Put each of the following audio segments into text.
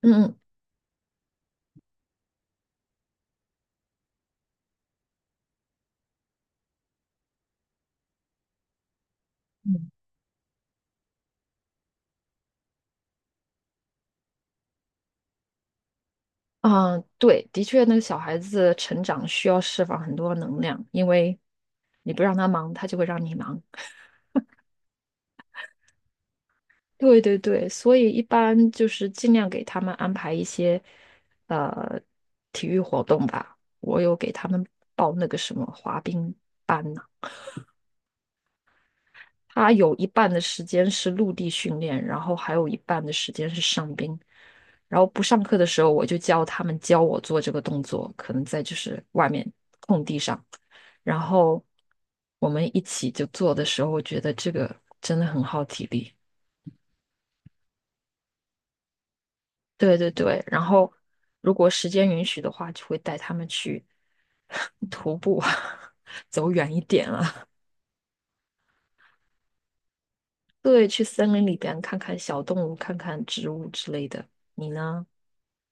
嗯嗯嗯，啊，对，的确，那个小孩子成长需要释放很多能量，因为你不让他忙，他就会让你忙。对对对，所以一般就是尽量给他们安排一些呃体育活动吧。我有给他们报那个什么滑冰班呢，他有一半的时间是陆地训练，然后还有一半的时间是上冰。然后不上课的时候，我就教他们教我做这个动作，可能在就是外面空地上。然后我们一起就做的时候，我觉得这个真的很耗体力。对对对，然后如果时间允许的话，就会带他们去 徒步啊，走远一点啊。对，去森林里边看看小动物，看看植物之类的。你呢？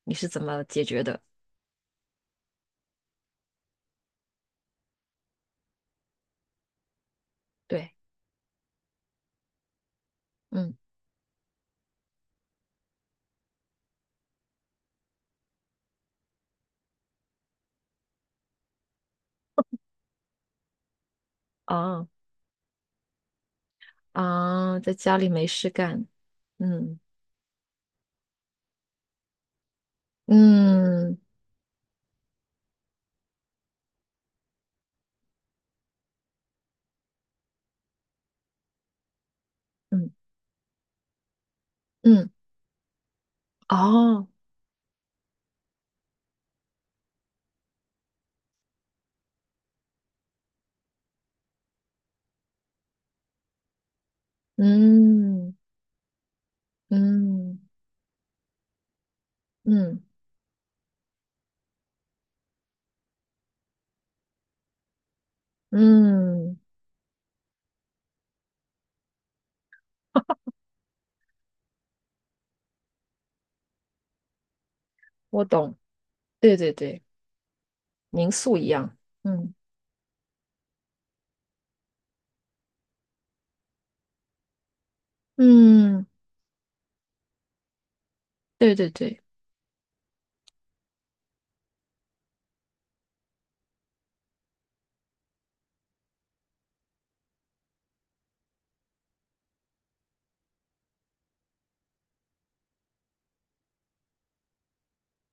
你是怎么解决的？对，嗯，啊啊，在家里没事干，嗯嗯嗯嗯，哦，嗯嗯。嗯嗯，我懂，对对对，民宿一样，嗯嗯，对对对，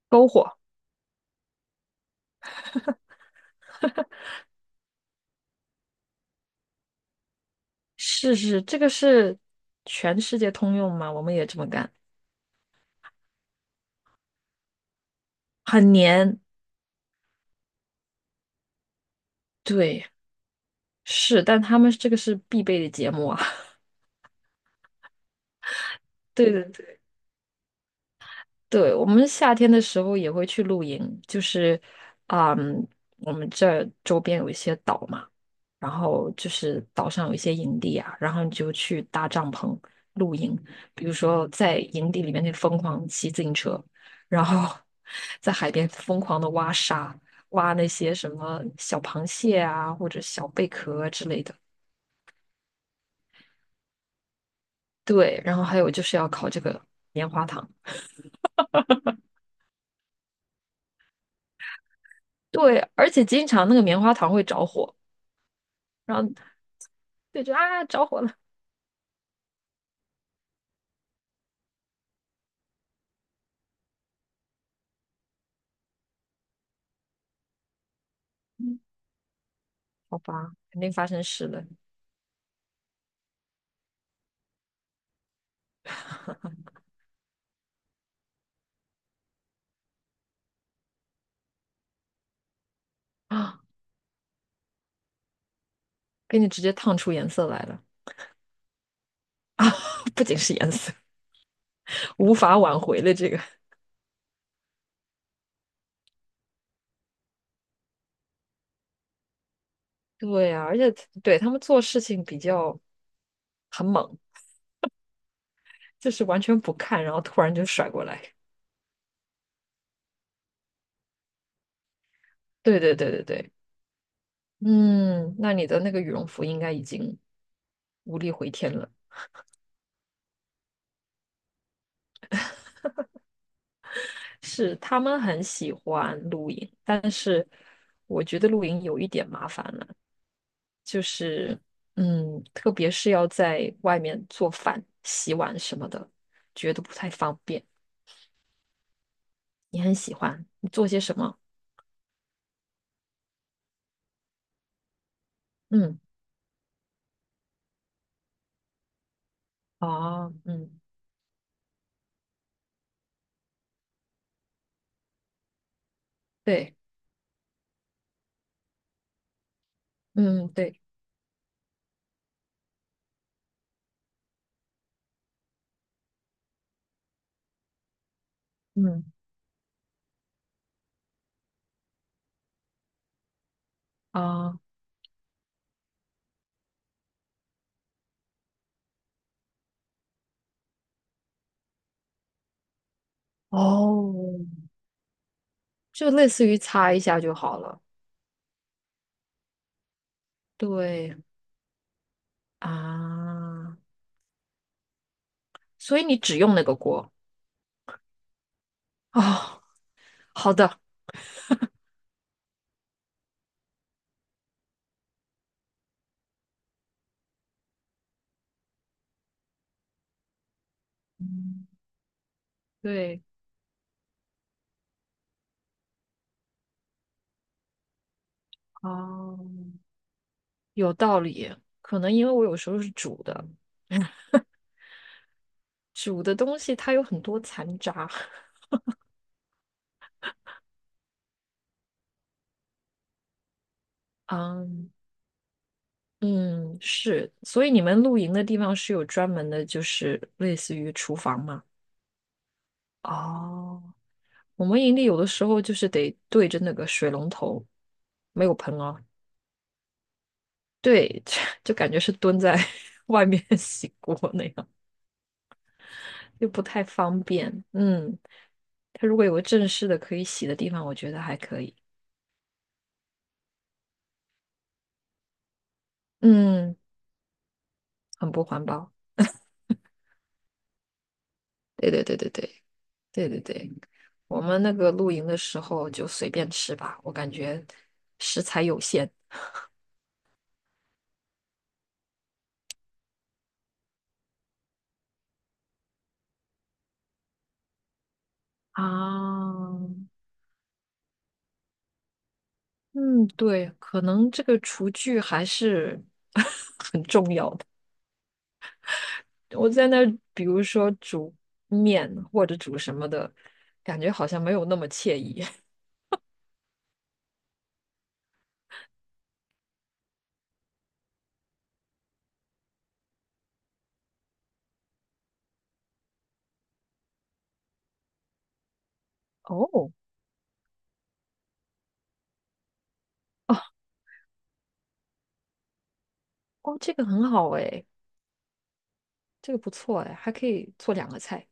篝火，是是，这个是全世界通用嘛，我们也这么干，很黏，对，是，但他们这个是必备的节目啊，对对对，我们夏天的时候也会去露营，就是，嗯，我们这儿周边有一些岛嘛，然后就是岛上有一些营地啊，然后你就去搭帐篷露营，比如说在营地里面那疯狂骑自行车，然后 在海边疯狂的挖沙，挖那些什么小螃蟹啊或者小贝壳啊之类的。对，然后还有就是要烤这个棉花糖，对，而且经常那个棉花糖会着火。然后。对，就啊着火了。嗯，好吧，肯定发生事了啊，给你直接烫出颜色来了啊！不仅是颜色，无法挽回了这个。对呀、而且对他们做事情比较很猛，就是完全不看，然后突然就甩过来。对对对对对，嗯，那你的那个羽绒服应该已经无力回天了。是他们很喜欢露营，但是我觉得露营有一点麻烦了。就是特别是要在外面做饭、洗碗什么的，觉得不太方便。你很喜欢，你做些什么？嗯，啊，嗯，对，嗯，对，嗯，啊，哦，就类似于擦一下就好了。对啊，所以你只用那个锅哦。好的，对，啊，有道理。可能因为我有时候是煮的，煮的东西它有很多残渣。嗯嗯，是，所以你们露营的地方是有专门的，就是类似于厨房嘛？哦，我们营地有的时候就是得对着那个水龙头，没有盆哦，对，就感觉是蹲在 外面 洗锅那样，又不太方便。嗯，它如果有个正式的可以洗的地方，我觉得还可以。嗯，很不环保。对对对对对。对对对，我们那个露营的时候就随便吃吧，我感觉食材有限啊。嗯，对，可能这个厨具还是 我在那儿，比如说煮面或者煮什么的，感觉好像没有那么惬意。哦哦哦，这个很好哎，这个不错哎，还可以做两个菜。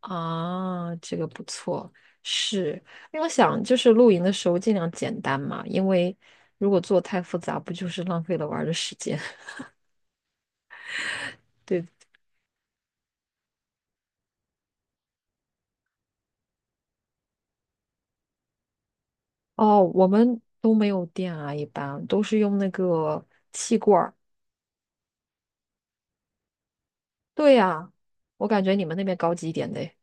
啊，这个不错，是因为我想就是露营的时候尽量简单嘛，因为如果做太复杂，不就是浪费了玩儿的时间？对，哦，我们都没有电啊，一般都是用那个气罐儿。对呀，我感觉你们那边高级一点的诶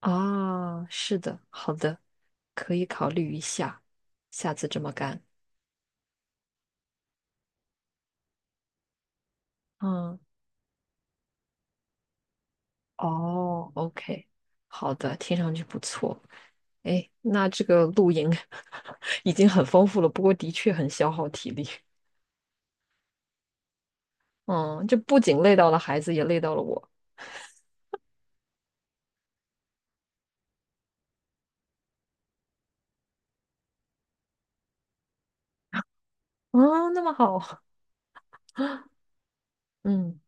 啊，是的，好的，可以考虑一下，下次这么干。嗯，哦，OK，好的，听上去不错。哎，那这个露营 已经很丰富了，不过的确很消耗体力。嗯，这不仅累到了孩子，也累到了我。啊，那么好，嗯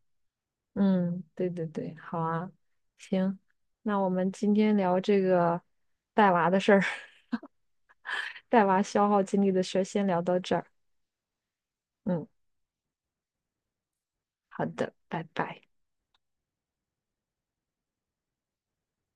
嗯，对对对，好啊，行，那我们今天聊这个带娃的事儿，带娃消耗精力的事儿，先聊到这儿。嗯，好的，拜拜。